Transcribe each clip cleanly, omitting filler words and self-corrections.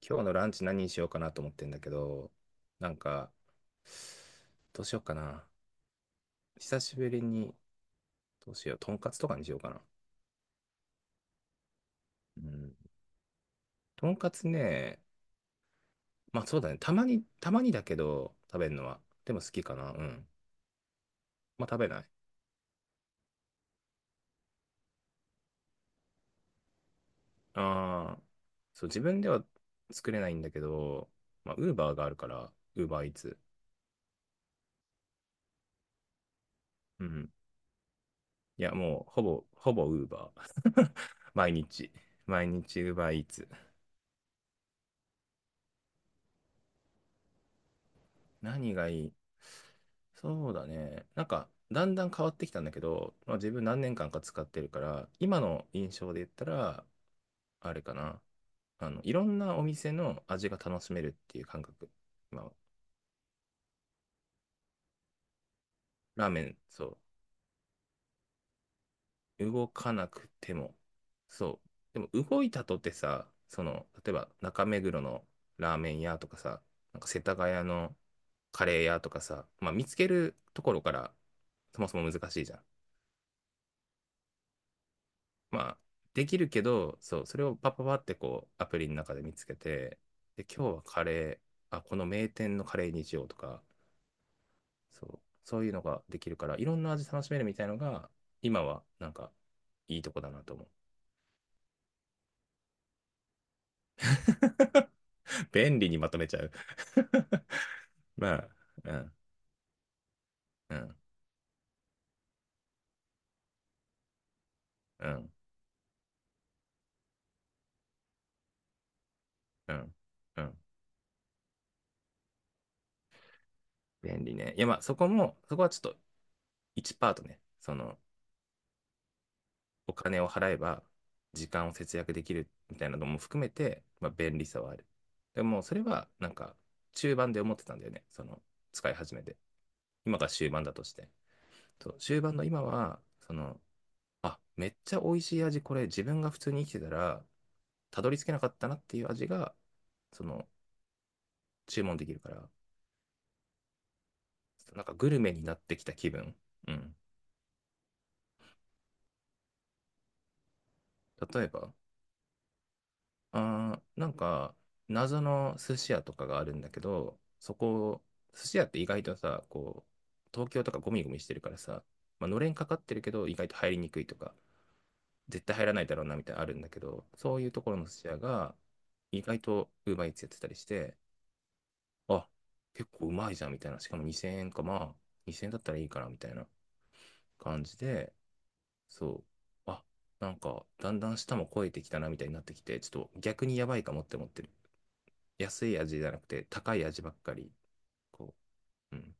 今日のランチ何にしようかなと思ってんだけど、なんか、どうしようかな。久しぶりに、どうしよう。とんかつとかにしようかな。うん。とんかつね、まあそうだね。たまにだけど、食べるのは。でも好きかな。うん。まあ食べない。ああ、そう、自分では作れないんだけど、まあ、ウーバーがあるから、ウーバーイーツ。うん。いや、もう、ほぼウーバー。毎日。毎日ウーバーイーツ。何がいい？そうだね。だんだん変わってきたんだけど、まあ、自分何年間か使ってるから、今の印象で言ったら、あれかな。いろんなお店の味が楽しめるっていう感覚。まあ、ラーメン、そう。動かなくても。そう。でも、動いたとてさ、その、例えば中目黒のラーメン屋とかさ、世田谷のカレー屋とかさ、まあ、見つけるところから、そもそも難しいじゃん。まあ、できるけど、そう、それをパパパってこう、アプリの中で見つけて、で、今日はカレー、あ、この名店のカレーにしようとか、そう、そういうのができるから、いろんな味楽しめるみたいのが、今は、いいとこだなと思う。便利にまとめちゃう。まあ、うん、うん、うん、うん、うん。便利ね。いや、まあ、そこはちょっと1パートね、その、お金を払えば時間を節約できるみたいなのも含めて、まあ、便利さはある。でもそれは中盤で思ってたんだよね。その使い始めて。今が終盤だとして。そう、終盤の今は、その、あ、めっちゃ美味しい味、これ自分が普通に生きてたら、たどり着けなかったなっていう味が、その、注文できるから、グルメになってきた気分。うん。例えば、あー、なんか、謎の寿司屋とかがあるんだけど、そこ、寿司屋って意外とさ、こう、東京とかゴミゴミしてるからさ、まあ、のれんかかってるけど、意外と入りにくいとか、絶対入らないだろうなみたいなのあるんだけど、そういうところの寿司屋が、意外と Uber Eats やってたりして、あ、結構うまいじゃんみたいな、しかも2000円か、まあ、2000円だったらいいかなみたいな感じで、そう、あ、だんだん下も超えてきたなみたいになってきて、ちょっと逆にやばいかもって思ってる。安い味じゃなくて高い味ばっかり。こう、うん。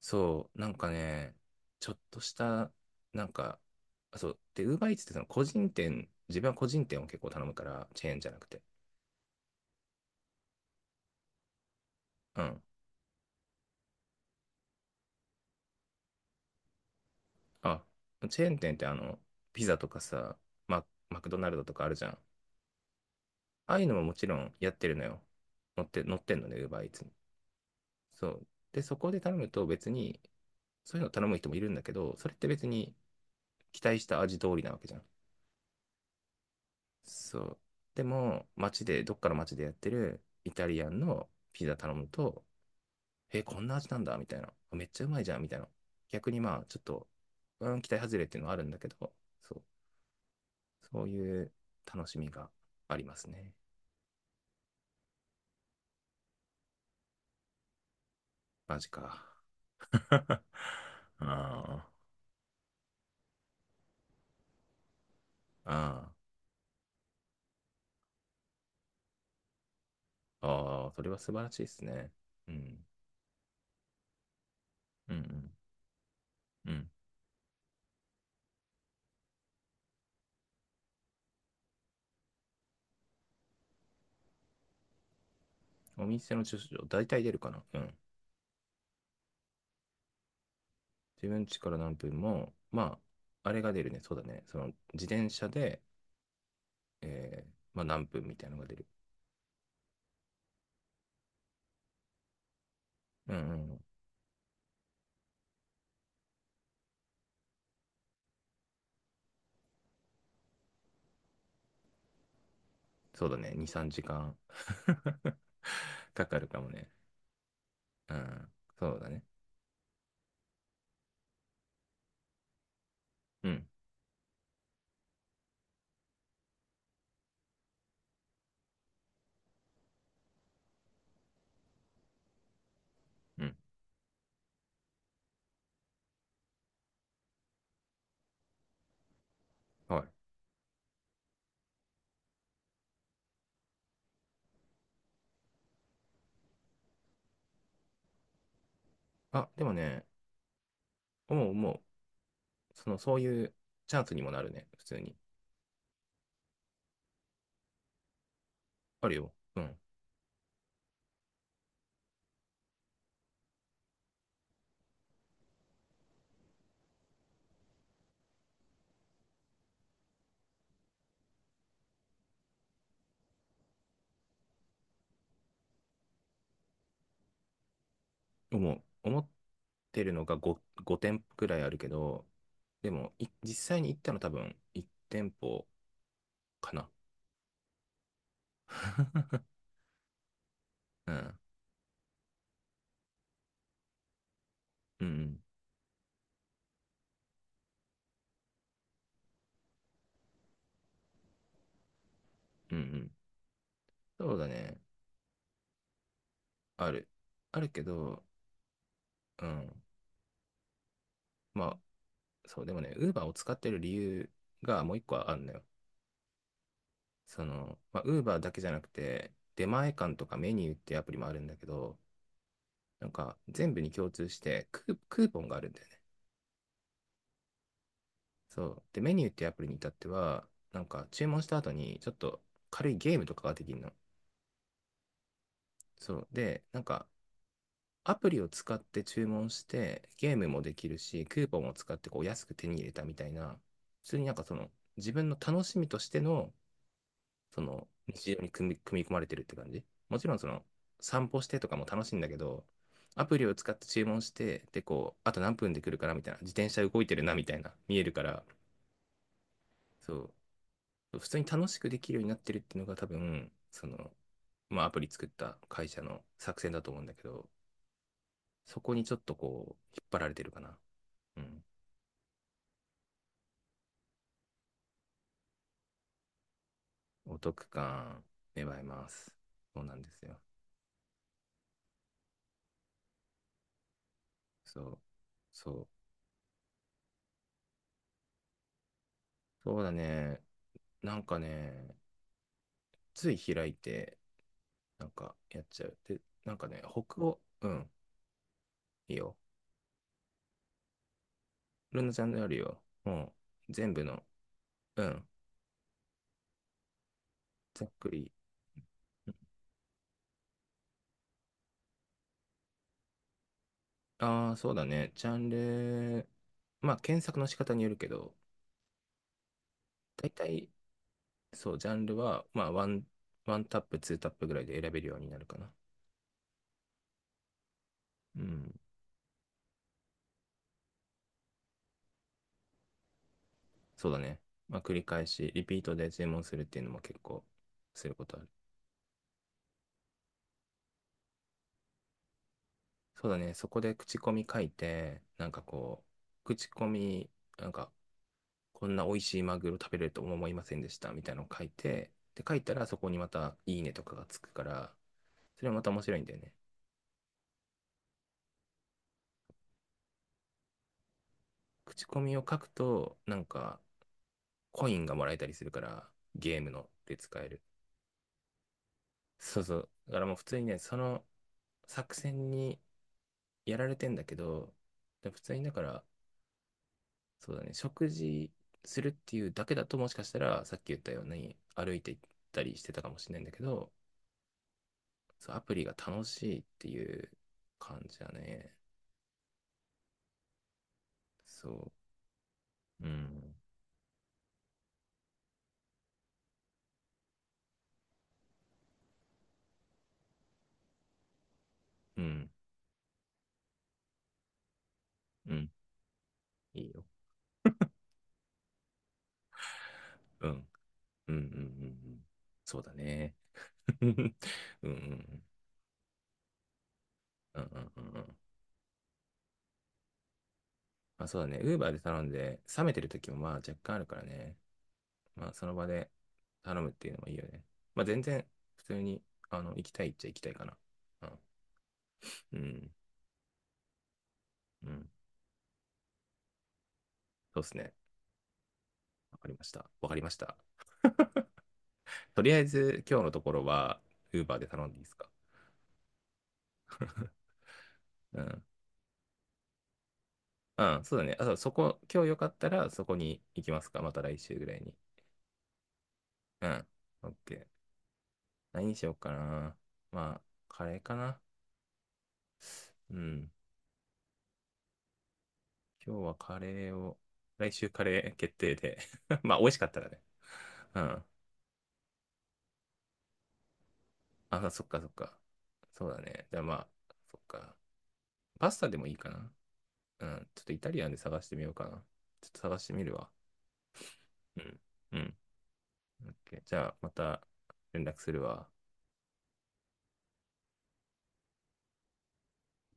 そう、なんかね、ちょっとした、なんか、あそう、で、ウーバーイーツってその個人店、自分は個人店を結構頼むから、チェーンじゃなくて。うん。あ、チェーン店ってあの、ピザとかさ、マクドナルドとかあるじゃん。ああいうのももちろんやってるのよ。乗ってんのね、ウーバーイーツに。そう。で、そこで頼むと別に、そういうの頼む人もいるんだけど、それって別に期待した味通りなわけじゃん。そう。でも、どっかの街でやってるイタリアンのピザ頼むと、え、こんな味なんだみたいな。めっちゃうまいじゃんみたいな。逆にまあ、ちょっと、うん、期待外れっていうのはあるんだけど、そう。そういう楽しみがありますね。マジか。ああああ、ああ、それは素晴らしいですね。うん。うんうん。うん。お店の駐車場、大体出るかな。うん。自分家から何分も、まあ、あれが出るね、そうだね。その自転車で、まあ、何分みたいなのが出る。うんうん。そうだね、2、3時間かん かかるかもね。うん、そうだね。うん、うん。はい。あ、でもね、もうもう。その、そういうチャンスにもなるね、普通に。あるよ。うん。思ってるのが 5, 5店舗くらいあるけど、でも、実際に行ったの多分1店舗かな。うん。うんうん。うんうん。そうだね。ある。あるけど、うん。まあ、そう、でもね、ウーバーを使ってる理由がもう一個あるんだよ。その、まあ、ウーバーだけじゃなくて、出前館とかメニューっていうアプリもあるんだけど、なんか全部に共通してクーポンがあるんだよね。そう。で、メニューっていうアプリに至っては、なんか注文した後にちょっと軽いゲームとかができるの。そう。で、なんかアプリを使って注文して、ゲームもできるし、クーポンを使ってこう安く手に入れたみたいな、普通になんかその、自分の楽しみとしての、その、日常に組み込まれてるって感じ。もちろんその、散歩してとかも楽しいんだけど、アプリを使って注文して、で、こう、あと何分で来るかなみたいな、自転車動いてるなみたいな、見えるから、そう、普通に楽しくできるようになってるっていうのが多分、その、まあ、アプリ作った会社の作戦だと思うんだけど、そこにちょっとこう、引っ張られてるかな。うん。お得感、芽生えます。そうなんですよ。そう。そう。そうだね。なんかね、つい開いて、なんかやっちゃう。で、なんかね、北欧、うん、いいよ。ルナちゃんであるよ。もうん、全部の、うん、ざっくり。ああー、そうだね。ジャンル、まあ、検索の仕方によるけど、大体、そう、ジャンルは、まあ、ワンタップ、ツータップぐらいで選べるようになるかな。うん。そうだね。まあ、繰り返し、リピートで注文するっていうのも結構することある。そうだね。そこで口コミ書いて、なんかこう、口コミ、なんか、こんな美味しいマグロ食べれると思いませんでしたみたいなのを書いて、で、書いたらそこにまたいいねとかがつくから、それはまた面白いんだよね。口コミを書くと、なんか、コインがもらえたりするから、ゲームので使える。そうそう。だからもう普通にね、その作戦にやられてんだけど、で普通にだから、そうだね、食事するっていうだけだと、もしかしたらさっき言ったように歩いて行ったりしてたかもしれないんだけど、そう、アプリが楽しいっていう感じだね。そう、うん、うん、うん、いいよ。うん、うん、うん、うん、うん。そうだね。うん、うん、うん、うん、うん。うんうんまあ、そうだね、ウーバーで頼んで、冷めてる時もまあ若干あるからね。まあ、その場で頼むっていうのもいいよね。まあ、全然普通に、あの、行きたいっちゃ行きたいかな。うんうん。うん。そうですね。わかりました。わかりました。とりあえず、今日のところは、ウーバーで頼んでいいですか？うん。うん、そうだね。あ、そうそこ、今日よかったら、そこに行きますか？また来週ぐらいに。うん。オッケー。何にしようかな。まあ、カレーかな。うん。今日はカレーを、来週カレー決定で。まあ、美味しかったらね。うん。あ、そっかそっか。そうだね。じゃあまあ、そっか。パスタでもいいかな。うん。ちょっとイタリアンで探してみようかな。ちょっと探してみるわ。うん。うん。オッケーじゃあ、また連絡するわ。